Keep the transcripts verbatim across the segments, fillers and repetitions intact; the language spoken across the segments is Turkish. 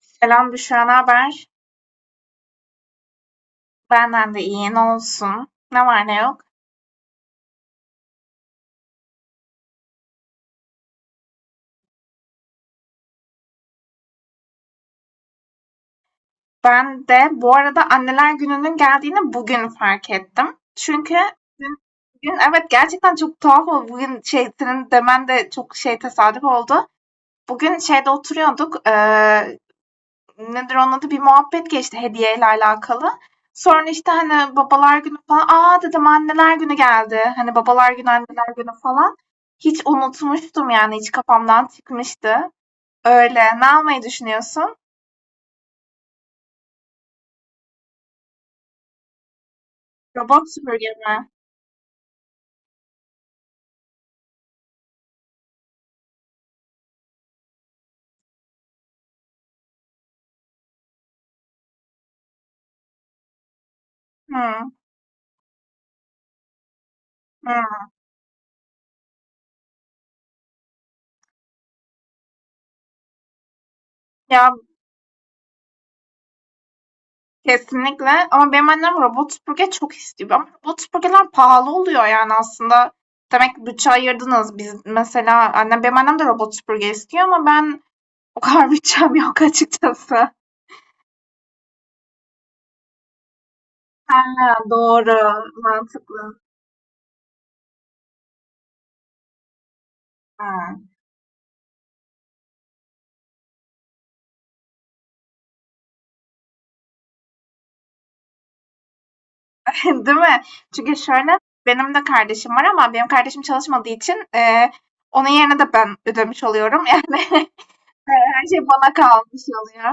Selam Büşra, ne haber? Benden de iyi, ne olsun? Ne var ne yok? Ben de bu arada Anneler Günü'nün geldiğini bugün fark ettim. Çünkü bugün, bugün evet gerçekten çok tuhaf oldu. Bugün şey, senin demen de çok şey tesadüf oldu. Bugün şeyde oturuyorduk, eee, nedir onun adı? Bir muhabbet geçti hediyeyle alakalı. Sonra işte hani babalar günü falan, aa dedim anneler günü geldi. Hani babalar günü, anneler günü falan. Hiç unutmuştum yani, hiç kafamdan çıkmıştı. Öyle. Ne almayı düşünüyorsun? Robot süpürge mi? Hımm, hımm. Ya, kesinlikle ama benim annem robot süpürge çok istiyor ama robot süpürgeler pahalı oluyor, yani, aslında. Demek ki bütçe ayırdınız. Biz mesela annem benim annem de robot süpürge istiyor ama ben o kadar bütçem yok açıkçası. Ha, doğru, mantıklı. Ha. Değil mi? Çünkü şöyle, benim de kardeşim var ama benim kardeşim çalışmadığı için, eee, onun yerine de ben ödemiş oluyorum, yani. Evet, her şey bana kalmış oluyor.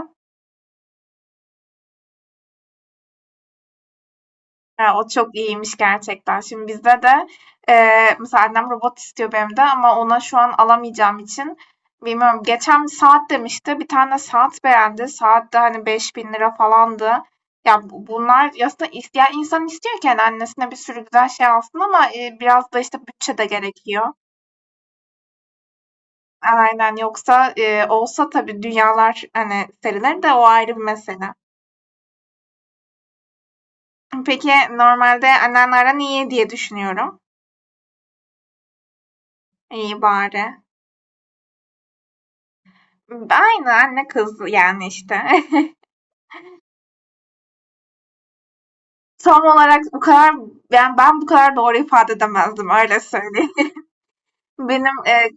Ha, o çok iyiymiş gerçekten. Şimdi bizde de eee mesela annem robot istiyor benim de ama ona şu an alamayacağım için bilmiyorum. Geçen bir saat demişti. Bir tane saat beğendi. Saat de hani beş bin lira falandı. Ya bu- bunlar aslında isteyen insan istiyor ki hani annesine bir sürü güzel şey alsın ama e, biraz da işte bütçe de gerekiyor. Aynen yoksa e, olsa tabii dünyalar hani serilir de o ayrı bir mesele. Peki normalde annenlerden iyi diye düşünüyorum. İyi bari. Aynı anne kız yani işte. Tam olarak bu kadar ben ben bu kadar doğru ifade edemezdim öyle söyleyeyim. Benim e,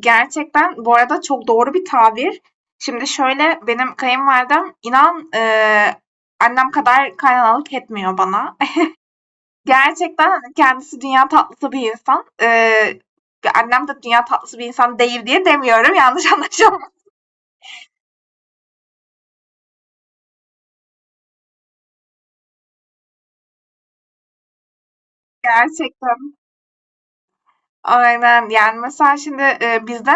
gerçekten bu arada çok doğru bir tabir. Şimdi şöyle benim kayınvalidem inan e, annem kadar kaynanalık etmiyor bana. Gerçekten hani kendisi dünya tatlısı bir insan. E, annem de dünya tatlısı bir insan değil diye demiyorum. Yanlış anlaşılmasın gerçekten. Aynen. Yani mesela şimdi, eee, bizde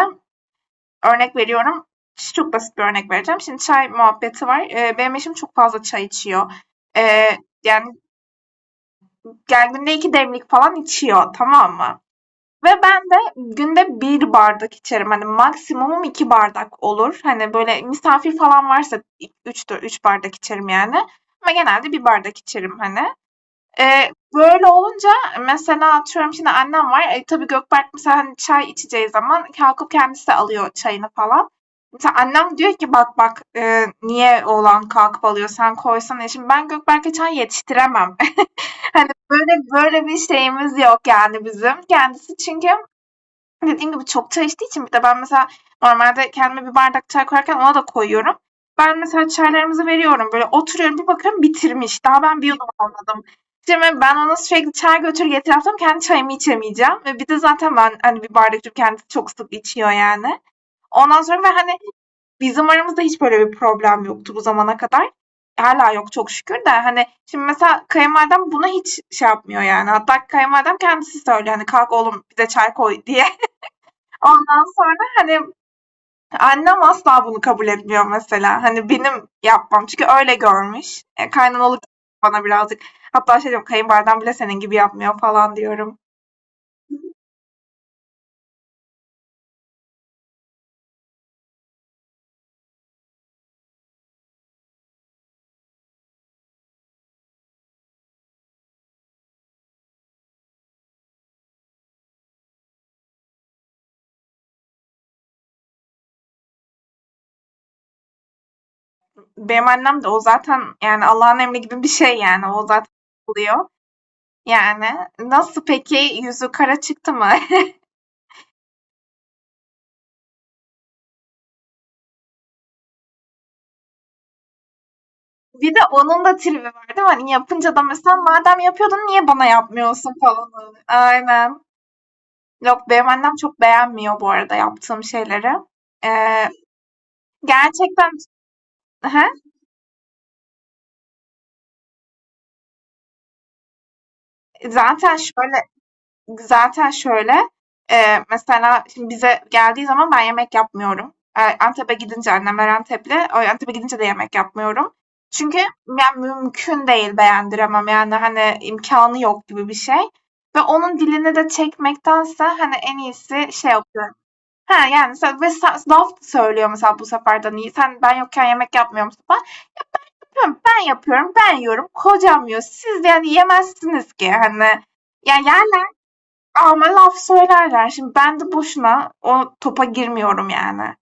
örnek veriyorum, ç çok basit bir örnek vereceğim. Şimdi çay muhabbeti var. Eee, benim eşim çok fazla çay içiyor. Eee, yani, yani günde iki demlik falan içiyor, tamam mı? Ve ben de günde bir bardak içerim. Hani maksimumum iki bardak olur. Hani, böyle, misafir falan varsa i üçtür üç bardak içerim yani ama genelde bir bardak içerim, hani. Eee, böyle olunca mesela atıyorum şimdi annem var. E, tabii Gökberk mesela hani çay içeceği zaman kalkıp kendisi de alıyor çayını falan. Mesela annem diyor ki bak bak e, niye oğlan kalkıp alıyor sen koysana. E, Şimdi ben Gökberk'e çay yetiştiremem. Hani böyle böyle bir şeyimiz yok yani bizim. Kendisi çünkü hani dediğim gibi çok çay içtiği için bir de ben mesela normalde kendime bir bardak çay koyarken ona da koyuyorum. Ben mesela çaylarımızı veriyorum. Böyle oturuyorum bir bakıyorum bitirmiş. Daha ben bir yudum almadım. Şimdi ben ona sürekli çay götür getir yaptım. Kendi çayımı içemeyeceğim. Ve bir de zaten ben hani bir bardak içiyorum. Kendisi çok sık içiyor yani. Ondan sonra ve hani bizim aramızda hiç böyle bir problem yoktu bu zamana kadar. Hala yok çok şükür de hani şimdi mesela kayınvalidem buna hiç şey yapmıyor yani. Hatta kayınvalidem kendisi söylüyor hani kalk oğlum bize çay koy diye. Ondan sonra hani annem asla bunu kabul etmiyor mesela. Hani benim yapmam. Çünkü öyle görmüş. E, kaynanalık bana birazcık. Hatta şey diyorum kayınvaliden bile senin gibi yapmıyor falan diyorum. Benim annem de o zaten yani Allah'ın emri gibi bir şey yani. O zaten oluyor. Yani nasıl peki yüzü kara çıktı mı? Bir de onun da tribi var değil mi? Hani yapınca da mesela madem yapıyordun niye bana yapmıyorsun falan. Aynen. Yok benim annem çok beğenmiyor bu arada yaptığım şeyleri. Ee, Gerçekten. Hı. Zaten şöyle zaten şöyle, eee, mesela şimdi bize geldiği zaman ben yemek yapmıyorum. Eee, Antep'e gidince annemler Antepli. O Antep'e gidince de yemek yapmıyorum. Çünkü yani mümkün değil beğendiremem. Yani, hani, imkanı yok gibi bir şey ve onun dilini de çekmektense, hani, en iyisi şey yapıyorum. He, yani, mesela ve sa laf söylüyor mesela bu sefer de, hani, sen ben yokken yemek yapmıyorum. Hem ben yapıyorum, ben yiyorum. Kocam yiyor. Siz de yani yemezsiniz ki hani. Ya yerler ama laf söylerler. Şimdi ben de boşuna o topa girmiyorum yani.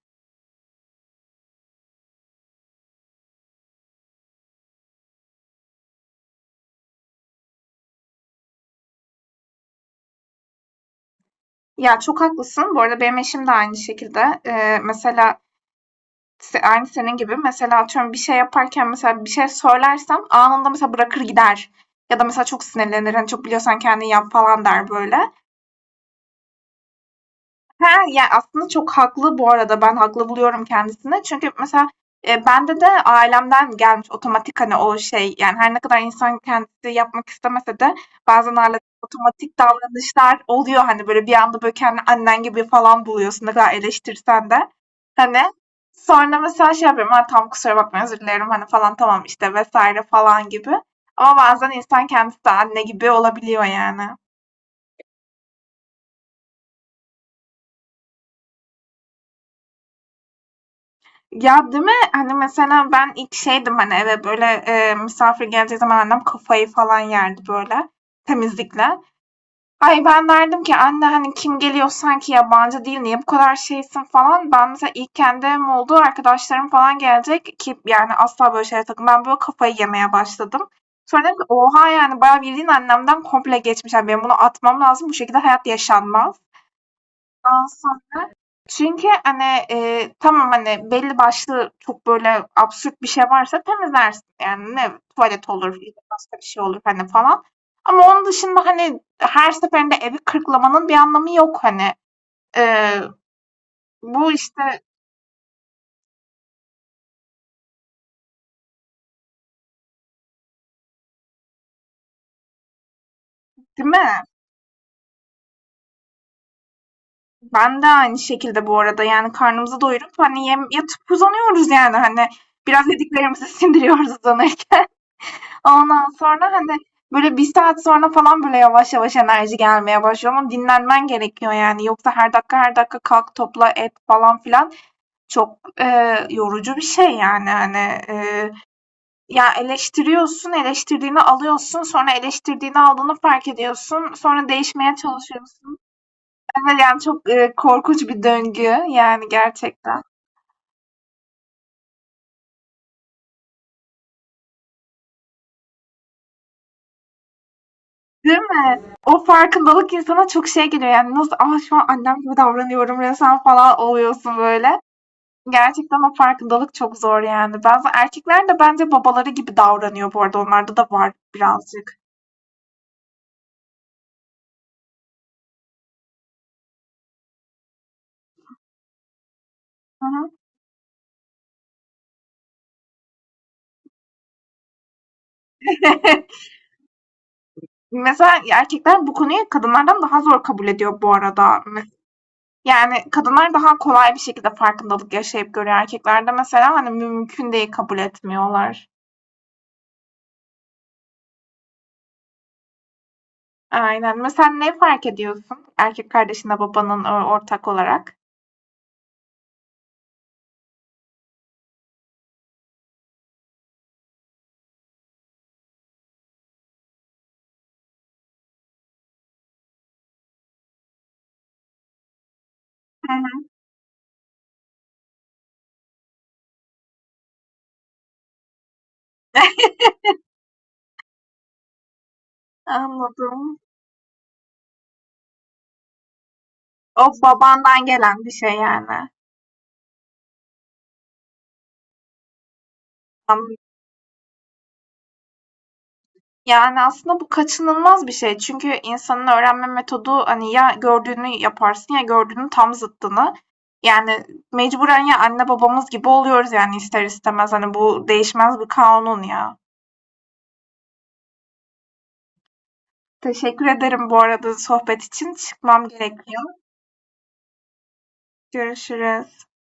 Ya çok haklısın. Bu arada benim eşim de aynı şekilde. Ee, mesela se- aynı senin gibi. Mesela atıyorum bir şey yaparken mesela bir şey söylersem anında mesela bırakır gider. Ya da mesela çok sinirlenir. Hani çok biliyorsan kendin yap falan der böyle. He, ya, aslında çok haklı bu arada. Ben haklı buluyorum kendisini. Çünkü mesela, eee, bende de ailemden gelmiş otomatik, hani, o şey, yani, her ne kadar insan kendisi yapmak istemese de bazen ailede otomatik davranışlar oluyor. Hani, böyle, bir anda, böyle, kendini annen gibi falan buluyorsun ne kadar eleştirsen de. Hani, sonra mesela şey yapıyorum, "A, tam kusura bakma, özür dilerim." hani, falan, "Tamam, işte." vesaire falan gibi. Ama bazen insan kendisi de anne gibi olabiliyor yani. Ya değil mi? Hani mesela ben ilk şeydim hani eve böyle e, misafir geleceği zaman annem kafayı falan yerdi böyle temizlikle. Ay ben derdim ki anne hani kim geliyor sanki yabancı değil niye bu kadar şeysin falan. Ben mesela ilk kendi evim oldu arkadaşlarım falan gelecek ki yani asla böyle şeylere takım. Ben böyle kafayı yemeye başladım. Sonra dedim ki oha yani bayağı bildiğin annemden komple geçmiş. Yani benim bunu atmam lazım bu şekilde hayat yaşanmaz. Çünkü hani, eee, tamam, hani, belli başlı çok böyle absürt bir şey varsa temizlersin. Yani ne tuvalet olur ya da başka bir şey olur, hani, falan. Ama onun dışında, hani, her seferinde evi kırklamanın bir anlamı yok, hani. Eee, bu, işte. Değil mi? Ben de aynı şekilde bu arada, yani, karnımızı doyurup, hani, yem yatıp uzanıyoruz, yani, hani. Biraz yediklerimizi sindiriyoruz uzanırken. Ondan sonra, hani, böyle bir saat sonra falan böyle yavaş yavaş enerji gelmeye başlıyor ama dinlenmen gerekiyor yani. Yoksa her dakika her dakika kalk, topla, et falan filan çok, eee, yorucu bir şey yani, hani. Eee, ya eleştiriyorsun, eleştirdiğini alıyorsun, sonra eleştirdiğini aldığını fark ediyorsun, sonra değişmeye çalışıyorsun. Evet, yani çok, eee, korkunç bir döngü yani gerçekten. Değil mi? O farkındalık insana çok şey geliyor yani nasıl, ah şu an annem gibi davranıyorum resmen." falan oluyorsun böyle. Gerçekten o farkındalık çok zor yani. Bazı erkekler de bence babaları gibi davranıyor bu arada. Onlarda da var birazcık. Hı hı. Mesela erkekler bu konuyu kadınlardan daha zor kabul ediyor bu arada. Yani kadınlar daha kolay bir şekilde farkındalık yaşayıp görüyor. Erkeklerde mesela hani mümkün değil kabul etmiyorlar. Aynen. Mesela ne fark ediyorsun? Erkek kardeşinle babanın ö- ortak olarak. Hı hı. Anladım. O babandan gelen bir şey yani. Yani, aslında bu kaçınılmaz bir şey. Çünkü insanın öğrenme metodu, hani, ya gördüğünü yaparsın ya gördüğünün tam zıttını. Yani, mecburen ya anne babamız gibi oluyoruz, yani, ister istemez. Hani, bu değişmez bir kanun ya. Teşekkür ederim bu arada sohbet için. Çıkmam gerekiyor. Görüşürüz.